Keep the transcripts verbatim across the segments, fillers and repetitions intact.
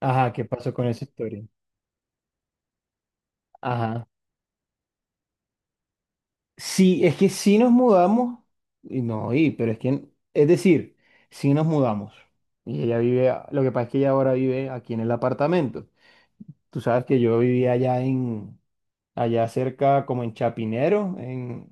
Ajá, ¿qué pasó con esa historia? Ajá. Sí, es que sí nos mudamos, y no, y, pero es que, es decir, sí nos mudamos. Y ella vive, a- lo que pasa es que ella ahora vive aquí en el apartamento. Tú sabes que yo vivía allá en, allá cerca, como en Chapinero, en,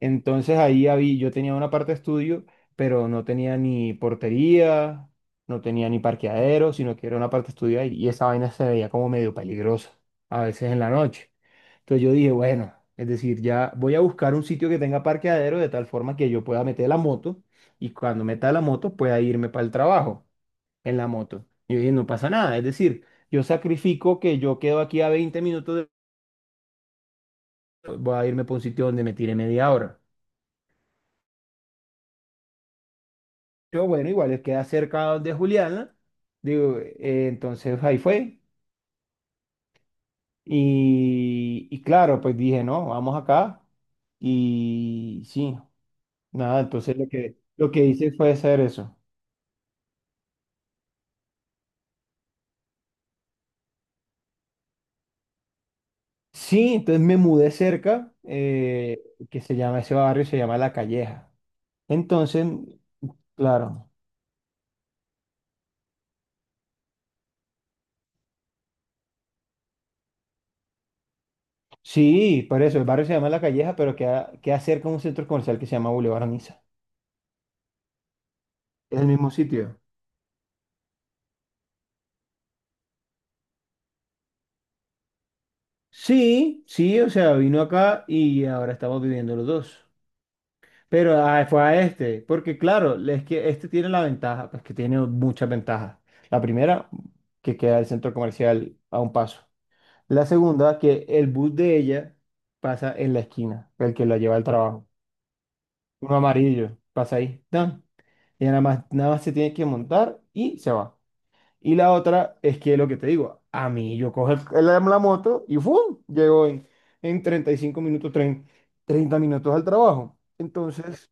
entonces ahí había, yo tenía una parte de estudio, pero no tenía ni portería, no tenía ni parqueadero, sino que era una parte de estudio ahí, y esa vaina se veía como medio peligrosa, a veces en la noche. Entonces yo dije, bueno, es decir, ya voy a buscar un sitio que tenga parqueadero de tal forma que yo pueda meter la moto y cuando meta la moto pueda irme para el trabajo en la moto. Y yo dije, no pasa nada, es decir, yo sacrifico que yo quedo aquí a veinte minutos, de- voy a irme para un sitio donde me tire media hora. Yo, bueno, igual es queda cerca de Juliana, digo, eh, entonces ahí fue. Y, y claro, pues dije, no, vamos acá. Y sí, nada, entonces lo que, lo que hice fue hacer eso. Sí, entonces me mudé cerca, eh, que se llama, ese barrio se llama La Calleja. Entonces, claro, sí, por eso, el barrio se llama La Calleja, pero queda, queda cerca de un centro comercial que se llama Boulevard Niza. ¿Es el mismo sitio? Sí, sí, o sea, vino acá y ahora estamos viviendo los dos. Pero ah, fue a este, porque claro, es que este tiene la ventaja, pues que tiene muchas ventajas. La primera, que queda el centro comercial a un paso. La segunda, que el bus de ella pasa en la esquina, el que la lleva al trabajo. Uno amarillo, pasa ahí. ¡Tan! Ella nada más, nada más se tiene que montar y se va. Y la otra es que lo que te digo, a mí yo cojo el- la, la moto y ¡fum! Llego en, en treinta y cinco minutos, tren- treinta minutos al trabajo. Entonces,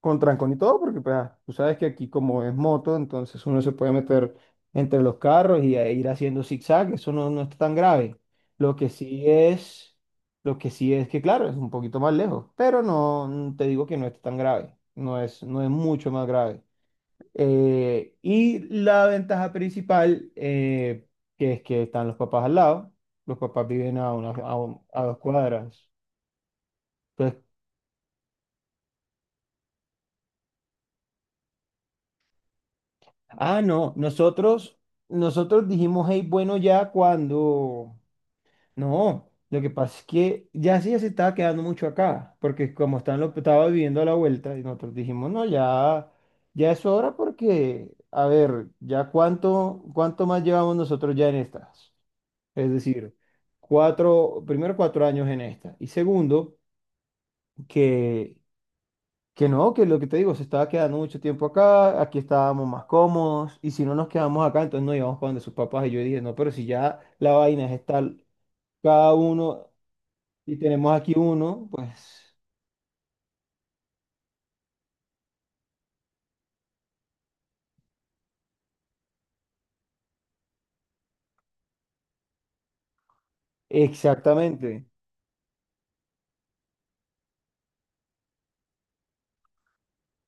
con trancón y todo, porque pues, ah, tú sabes que aquí como es moto, entonces uno se puede meter entre los carros y a ir haciendo zigzag, eso no, no está tan grave. Lo que sí es, lo que sí es que claro, es un poquito más lejos, pero no mm, te digo que no está tan grave, no es, no es mucho más grave. Eh, y la ventaja principal, eh, que es que están los papás al lado, los papás viven a, una, a, un- a dos cuadras. Entonces, ah, no, nosotros, nosotros dijimos, hey, bueno, ya cuando... No, lo que pasa es que ya sí ya se estaba quedando mucho acá, porque como están lo, estaba viviendo a la vuelta, y nosotros dijimos, no, ya, ya es hora porque, a ver, ya cuánto, cuánto más llevamos nosotros ya en estas. Es decir, cuatro, primero cuatro años en esta, y segundo, que... Que no, que lo que te digo, se estaba quedando mucho tiempo acá, aquí estábamos más cómodos, y si no nos quedamos acá, entonces nos íbamos para donde sus papás. Y yo dije, no, pero si ya la vaina es estar cada uno y tenemos aquí uno, pues exactamente,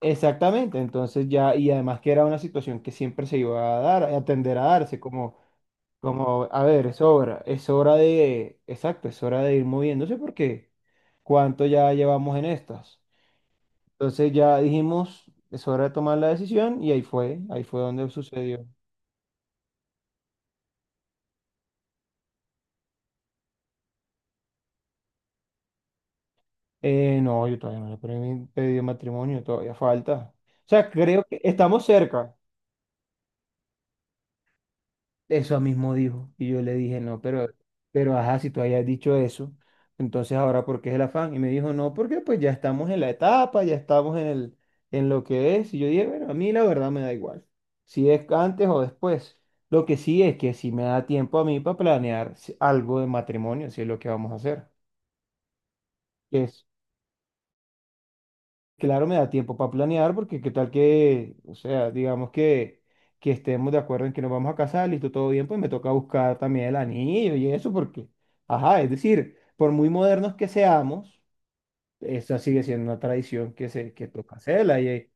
exactamente. Entonces ya, y además que era una situación que siempre se iba a dar, a tender a darse, como, como, a ver, es hora, es hora de, exacto, es hora de ir moviéndose porque cuánto ya llevamos en estas. Entonces ya dijimos, es hora de tomar la decisión y ahí fue, ahí fue donde sucedió. Eh, no, yo todavía no le he pedi- pedido matrimonio, todavía falta. O sea, creo que estamos cerca. Eso mismo dijo. Y yo le dije, no, pero, pero ajá, si tú hayas dicho eso, entonces ahora ¿por qué es el afán? Y me dijo, no, porque pues ya estamos en la etapa, ya estamos en el, en lo que es. Y yo dije, bueno, a mí la verdad me da igual, si es antes o después. Lo que sí es que si me da tiempo a mí para planear si- algo de matrimonio, si es lo que vamos a hacer. Que es Claro, me da tiempo para planear porque qué tal que, o sea, digamos que, que estemos de acuerdo en que nos vamos a casar, listo, todo bien, pues me toca buscar también el anillo y eso porque, ajá, es decir, por muy modernos que seamos, esa sigue siendo una tradición que se, que toca hacerla y eh,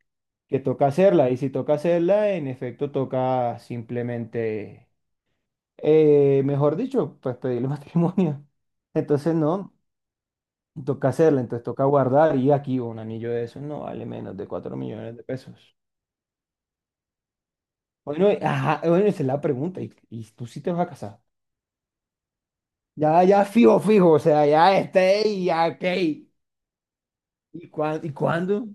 que toca hacerla y si toca hacerla, en efecto toca simplemente, eh, mejor dicho, pues pedirle matrimonio. Entonces, no. Toca hacerla, entonces toca guardar y aquí un anillo de eso no vale menos de cuatro millones de pesos. Bueno, y- ajá, bueno, esa es la pregunta. Y, y tú sí te vas a casar. Ya, ya fijo, fijo, o sea, ya esté y ya, ok. ¿Y, cuán- y cuándo?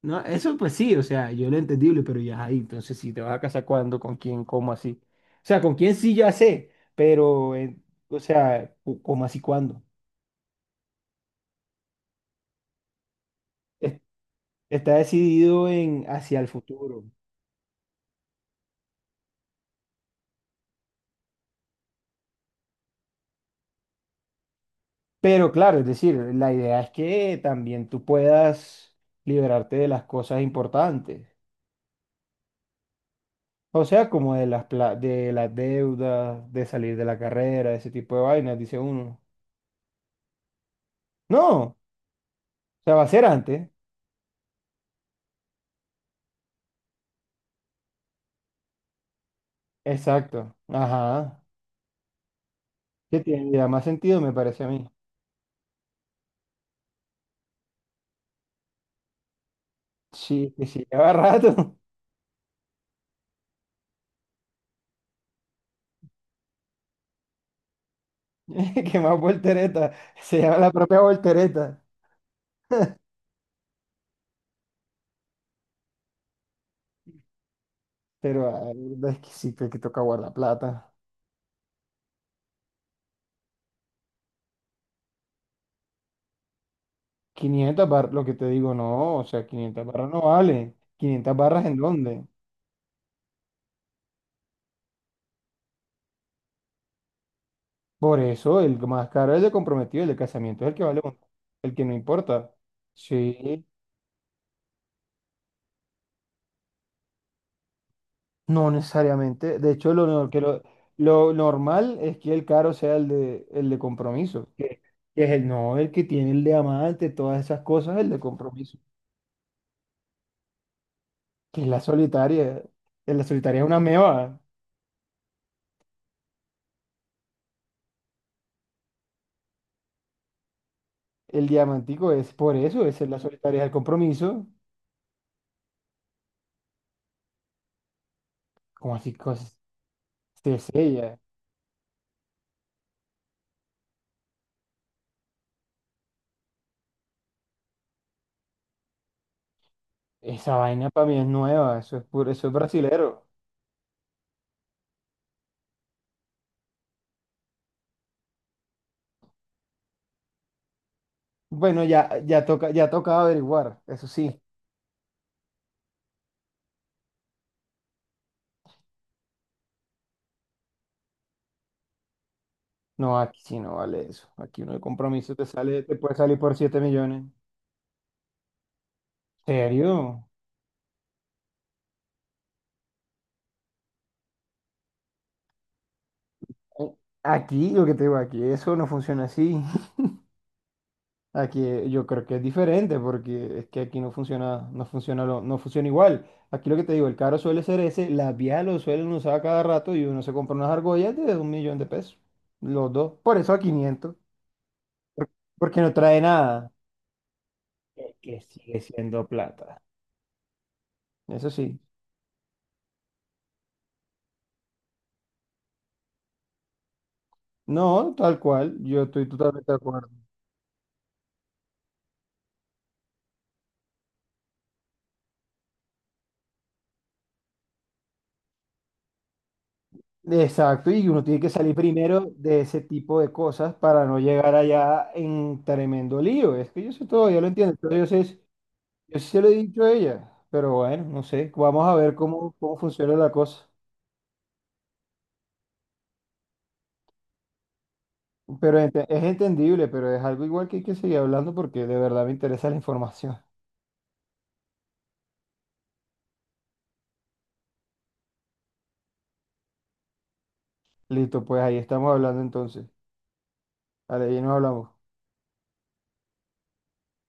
No, eso pues sí, o sea, yo lo entendible, pero ya ahí, entonces si te vas a casar cuándo, con quién, cómo así. O sea, con quién sí ya sé, pero, eh, o sea, cu- cómo así, cuándo. Es- Está decidido en hacia el futuro. Pero claro, es decir, la idea es que también tú puedas liberarte de las cosas importantes. O sea, como de las, pla- de las deudas, de salir de la carrera, ese tipo de vainas, dice uno. No, o sea, va a ser antes. Exacto. Ajá. Que tiene ya más sentido, me parece a mí. Sí, que sí, lleva rato. Que más voltereta. Se llama la propia voltereta. Pero ay, es que sí, que que toca guardar plata. quinientas barras, lo que te digo, no, o sea, quinientas barras no vale. ¿quinientas barras en dónde? Por eso el más caro es el comprometido, el de casamiento es el que vale, un- el que no importa. Sí, no necesariamente. De hecho, lo, no- que lo, lo normal es que el caro sea el de, el de compromiso, que, que es el no, el que tiene el diamante todas esas cosas, el de compromiso, que es la solitaria. En la solitaria es una meba. El diamantico es por eso, esa es la solitaria, es el compromiso. ¿Cómo así? Sí, sí, ya. Esa vaina para mí es nueva, eso es puro, eso es brasilero. Bueno, ya, ya toca, ya toca averiguar, eso sí. No, aquí sí no vale eso. Aquí uno de compromiso te sale, te puede salir por siete millones. ¿Serio? Eh, Aquí, lo que te digo, aquí eso no funciona así. Aquí eh, yo creo que es diferente porque es que aquí no funciona, no funciona lo- no funciona igual. Aquí lo que te digo, el carro suele ser ese, la vía lo suelen usar cada rato y uno se compra unas argollas de un millón de pesos. Los dos. Por eso a quinientos. Porque no trae nada, es que sigue siendo plata. Eso sí. No, tal cual, yo estoy totalmente de acuerdo. Exacto, y uno tiene que salir primero de ese tipo de cosas para no llegar allá en tremendo lío. Es que yo sé todo, yo lo entiendo, pero yo sé, yo sí se lo he dicho a ella, pero bueno, no sé, vamos a ver cómo, cómo funciona la cosa. Pero ente- es entendible, pero es algo igual que hay que seguir hablando porque de verdad me interesa la información. Listo, pues ahí estamos hablando entonces. Vale, ahí nos hablamos.